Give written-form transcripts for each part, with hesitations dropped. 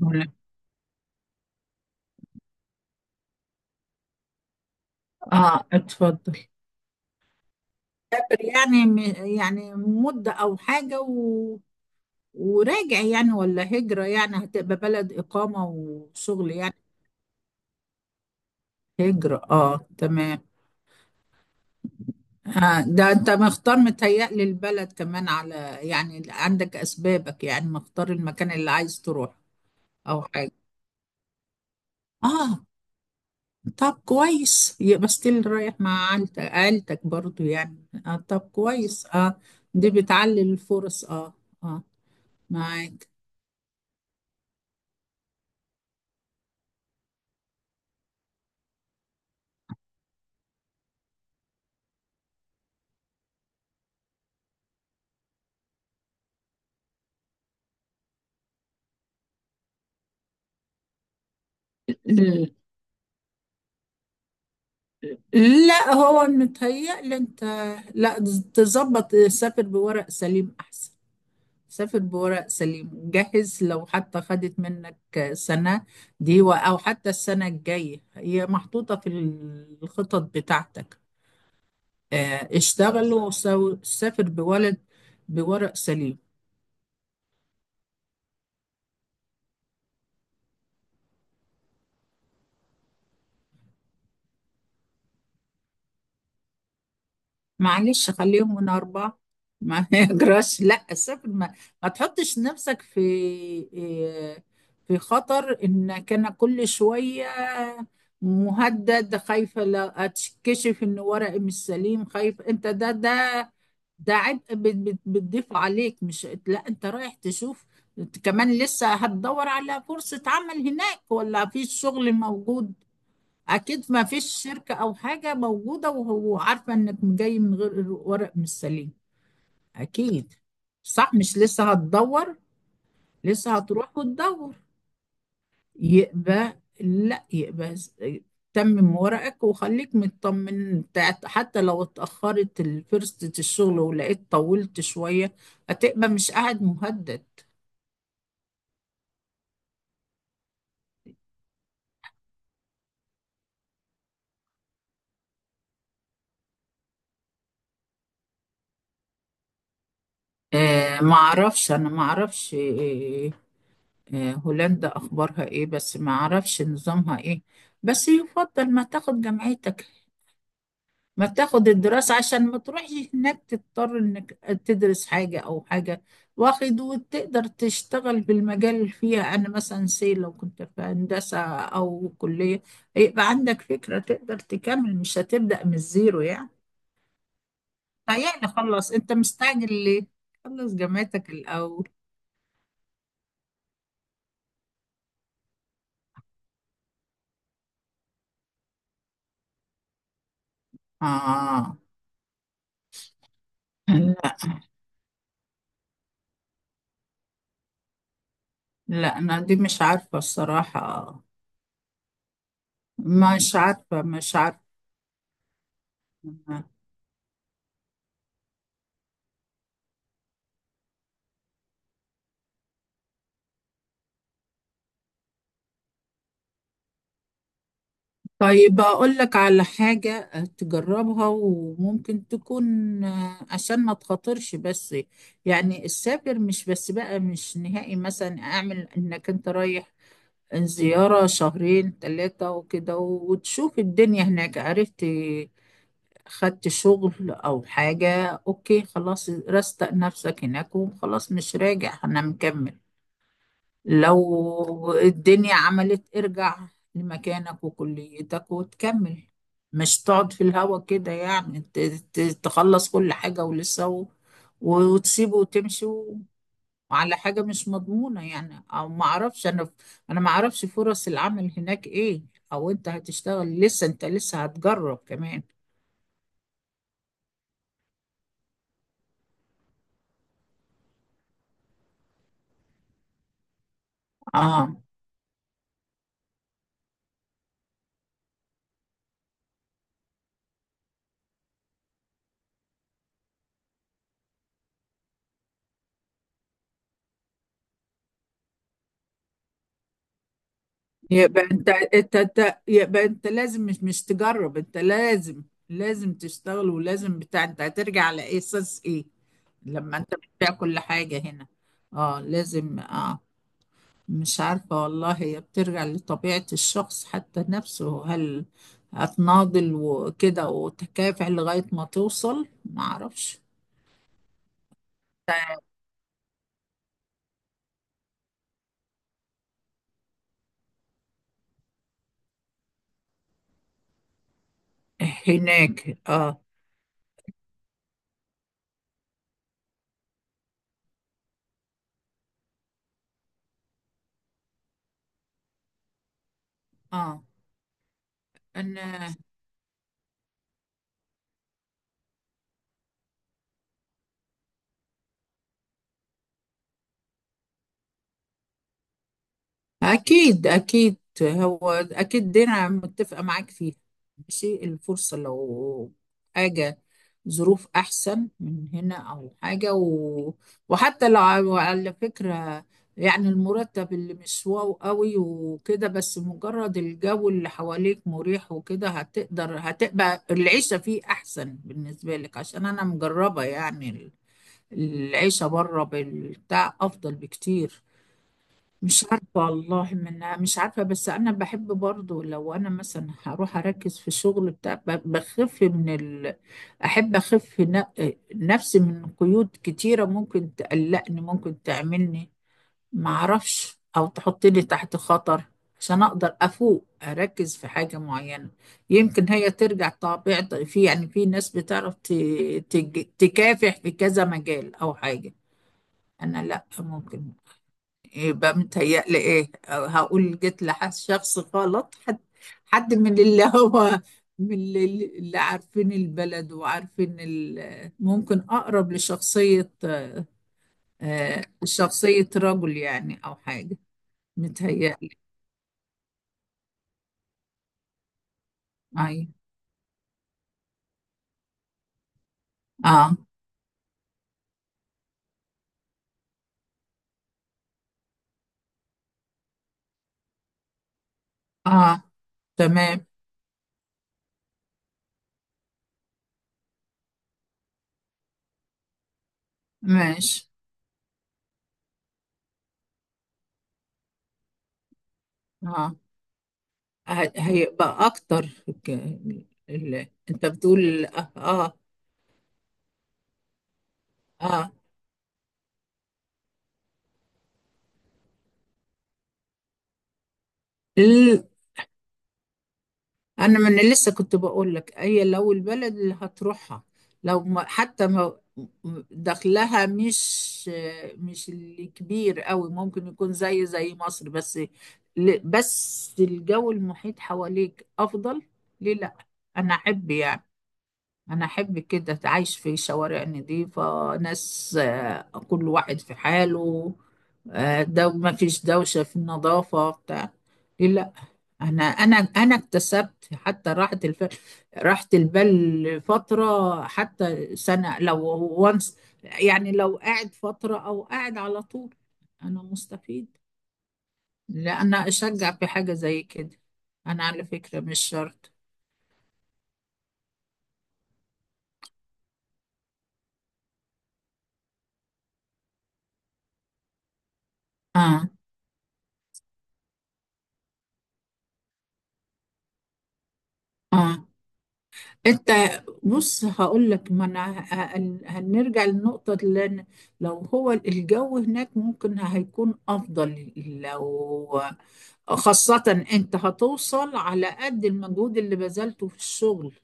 تمام. اه اتفضل. سافر يعني يعني مدة أو حاجة وراجع، يعني ولا هجرة يعني هتبقى بلد إقامة وشغل يعني. هجرة، اه تمام. آه ده أنت مختار، متهيألي البلد كمان على يعني عندك أسبابك، يعني مختار المكان اللي عايز تروح أو حاجة. اه طب كويس، يبقى ستيل رايح مع عيلتك، برضو يعني، آه طب كويس اه. دي بتعلي الفرص، اه اه معاك. لا هو متهيألي انت، لا تظبط، سافر بورق سليم احسن. سافر بورق سليم، جهز لو حتى خدت منك سنة دي او حتى السنة الجاية هي محطوطة في الخطط بتاعتك. اه، اشتغل وسافر بورق سليم. معلش خليهم من أربعة. ما يجراش، لا السفر ما تحطش نفسك في إيه، في خطر إنك أنا كل شوية مهدد، خايفة لا أتكشف إن ورقي مش سليم، خايف أنت، ده ده عبء بتضيف عليك. مش لا، أنت رايح تشوف كمان، لسه هتدور على فرصة عمل هناك ولا في شغل موجود؟ اكيد ما فيش شركة او حاجة موجودة وهو عارفة انك جاي من غير الورق مش سليم، اكيد. صح، مش لسه هتدور؟ لسه هتروح وتدور. يبقى لا، يبقى تمم ورقك وخليك مطمن. حتى لو اتأخرت فرصة الشغل ولقيت طولت شوية، هتبقى مش قاعد مهدد. آه ما اعرفش، انا ما اعرفش. آه آه، هولندا أخبارها إيه، بس ما أعرفش نظامها إيه. بس يفضل ما تاخد جامعتك، ما تاخد الدراسة، عشان ما تروحش هناك تضطر إنك تدرس حاجة أو حاجة واخد، وتقدر تشتغل في المجال اللي فيها أنا مثلا سي لو كنت في هندسة أو كلية، يبقى عندك فكرة تقدر تكمل، مش هتبدأ من الزيرو يعني. يعني خلص، أنت مستعجل ليه؟ خلص جامعتك الأول. آه لا. لا، أنا دي مش عارفة الصراحة، مش عارفة، مش عارفة. طيب أقول لك على حاجة تجربها وممكن تكون عشان ما تخاطرش. بس يعني السافر مش بس بقى مش نهائي، مثلا أعمل إنك أنت رايح زيارة شهرين ثلاثة وكده وتشوف الدنيا هناك. عرفت خدت شغل أو حاجة أوكي خلاص، رستق نفسك هناك وخلاص مش راجع، أنا مكمل. لو الدنيا عملت ارجع لمكانك وكليتك وتكمل. مش تقعد في الهوا كده يعني، تخلص كل حاجة ولسه وتسيبه وتمشي وعلى حاجة مش مضمونة يعني. او ما اعرفش انا، انا ما اعرفش فرص العمل هناك ايه، او انت هتشتغل. لسه انت لسه هتجرب كمان. اه يبقى انت يبقى انت لازم، مش مش تجرب، انت لازم، لازم تشتغل ولازم بتاع. انت هترجع على ايه، اساس ايه لما انت بتبيع كل حاجة هنا؟ اه لازم اه. مش عارفة والله، هي بترجع لطبيعة الشخص حتى نفسه. هل هتناضل وكده وتكافح لغاية ما توصل؟ ما اعرفش. هناك اه اه. انا أكيد أكيد، هو أكيد دي أنا متفقة معاك فيها. ماشي الفرصة لو حاجة ظروف أحسن من هنا أو حاجة وحتى لو على على فكرة يعني المرتب اللي مش واو قوي وكده، بس مجرد الجو اللي حواليك مريح وكده، هتقدر هتبقى العيشة فيه أحسن بالنسبة لك، عشان أنا مجربة يعني. العيشة بره بالبتاع أفضل بكتير. مش عارفة والله من مش عارفة، بس أنا بحب برضو لو أنا مثلا هروح أركز في الشغل بتاع بخف من أحب أخف نفسي من قيود كتيرة ممكن تقلقني، ممكن تعملني معرفش، أو تحطني تحت خطر، عشان أقدر أفوق أركز في حاجة معينة. يمكن هي ترجع طبيعة، في يعني في ناس بتعرف تكافح في كذا مجال أو حاجة، أنا لأ. ممكن يبقى متهيألي ايه، أو هقول جيت لشخص غلط، حد حد من اللي هو من اللي عارفين البلد وعارفين ممكن اقرب لشخصية آه، شخصية رجل يعني او حاجة. متهيألي اي. اه اه. تمام. ماشي. اه هيبقى اكتر، ك- انت بتقول اه آه. انا ما انا لسه كنت بقول لك، هي لو البلد اللي هتروحها لو ما حتى ما دخلها مش مش الكبير قوي، ممكن يكون زي زي مصر، بس بس الجو المحيط حواليك افضل، ليه لا؟ انا احب يعني، أنا أحب كده أتعايش في شوارع نظيفة، ناس آه، كل واحد في حاله، آه، دو ما فيش دوشة في النظافة بتاع. ليه لا؟ أنا اكتسبت حتى راحة راحة البال فترة حتى سنة لو وانس. يعني لو قاعد فترة أو قاعد على طول، أنا مستفيد. لا أنا أشجع في حاجة زي كده. أنا على فكرة مش شرط. آه آه انت. بص هقول لك، ما انا هنرجع للنقطة لو هو الجو هناك ممكن هيكون افضل، لو خاصة انت هتوصل على قد المجهود اللي بذلته في الشغل.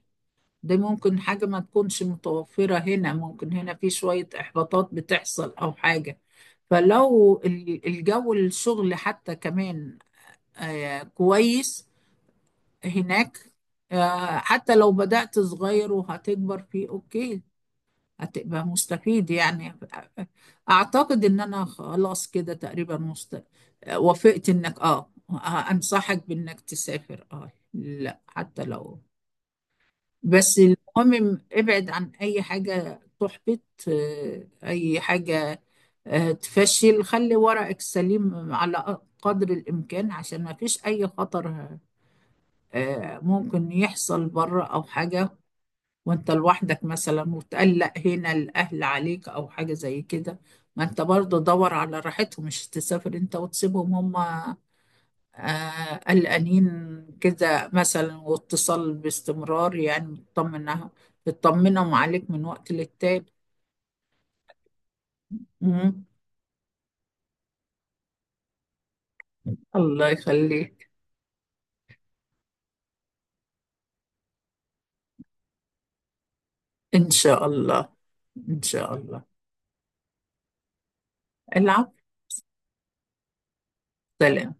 ده ممكن حاجة ما تكونش متوفرة هنا، ممكن هنا في شوية احباطات بتحصل او حاجة. فلو الجو الشغل حتى كمان آه، كويس هناك، آه، حتى لو بدأت صغير وهتكبر فيه اوكي، هتبقى مستفيد يعني. اعتقد ان انا خلاص كده تقريبا آه، وافقت انك اه آه، انصحك بانك تسافر اه، لا حتى لو. بس المهم ابعد عن اي حاجة تحبط، آه، اي حاجة آه، تفشل. خلي ورقك سليم على قدر الامكان، عشان ما فيش اي خطر آه، ممكن يحصل بره أو حاجة وأنت لوحدك مثلا، وتقلق هنا الأهل عليك أو حاجة زي كده. ما أنت برضه دور على راحتهم، مش تسافر أنت وتسيبهم هما آه، قلقانين كده مثلا. واتصال باستمرار يعني، تطمنها تطمنهم عليك من وقت للتاني. مم. الله يخليك. إن شاء الله. إن شاء الله. العفو. سلام.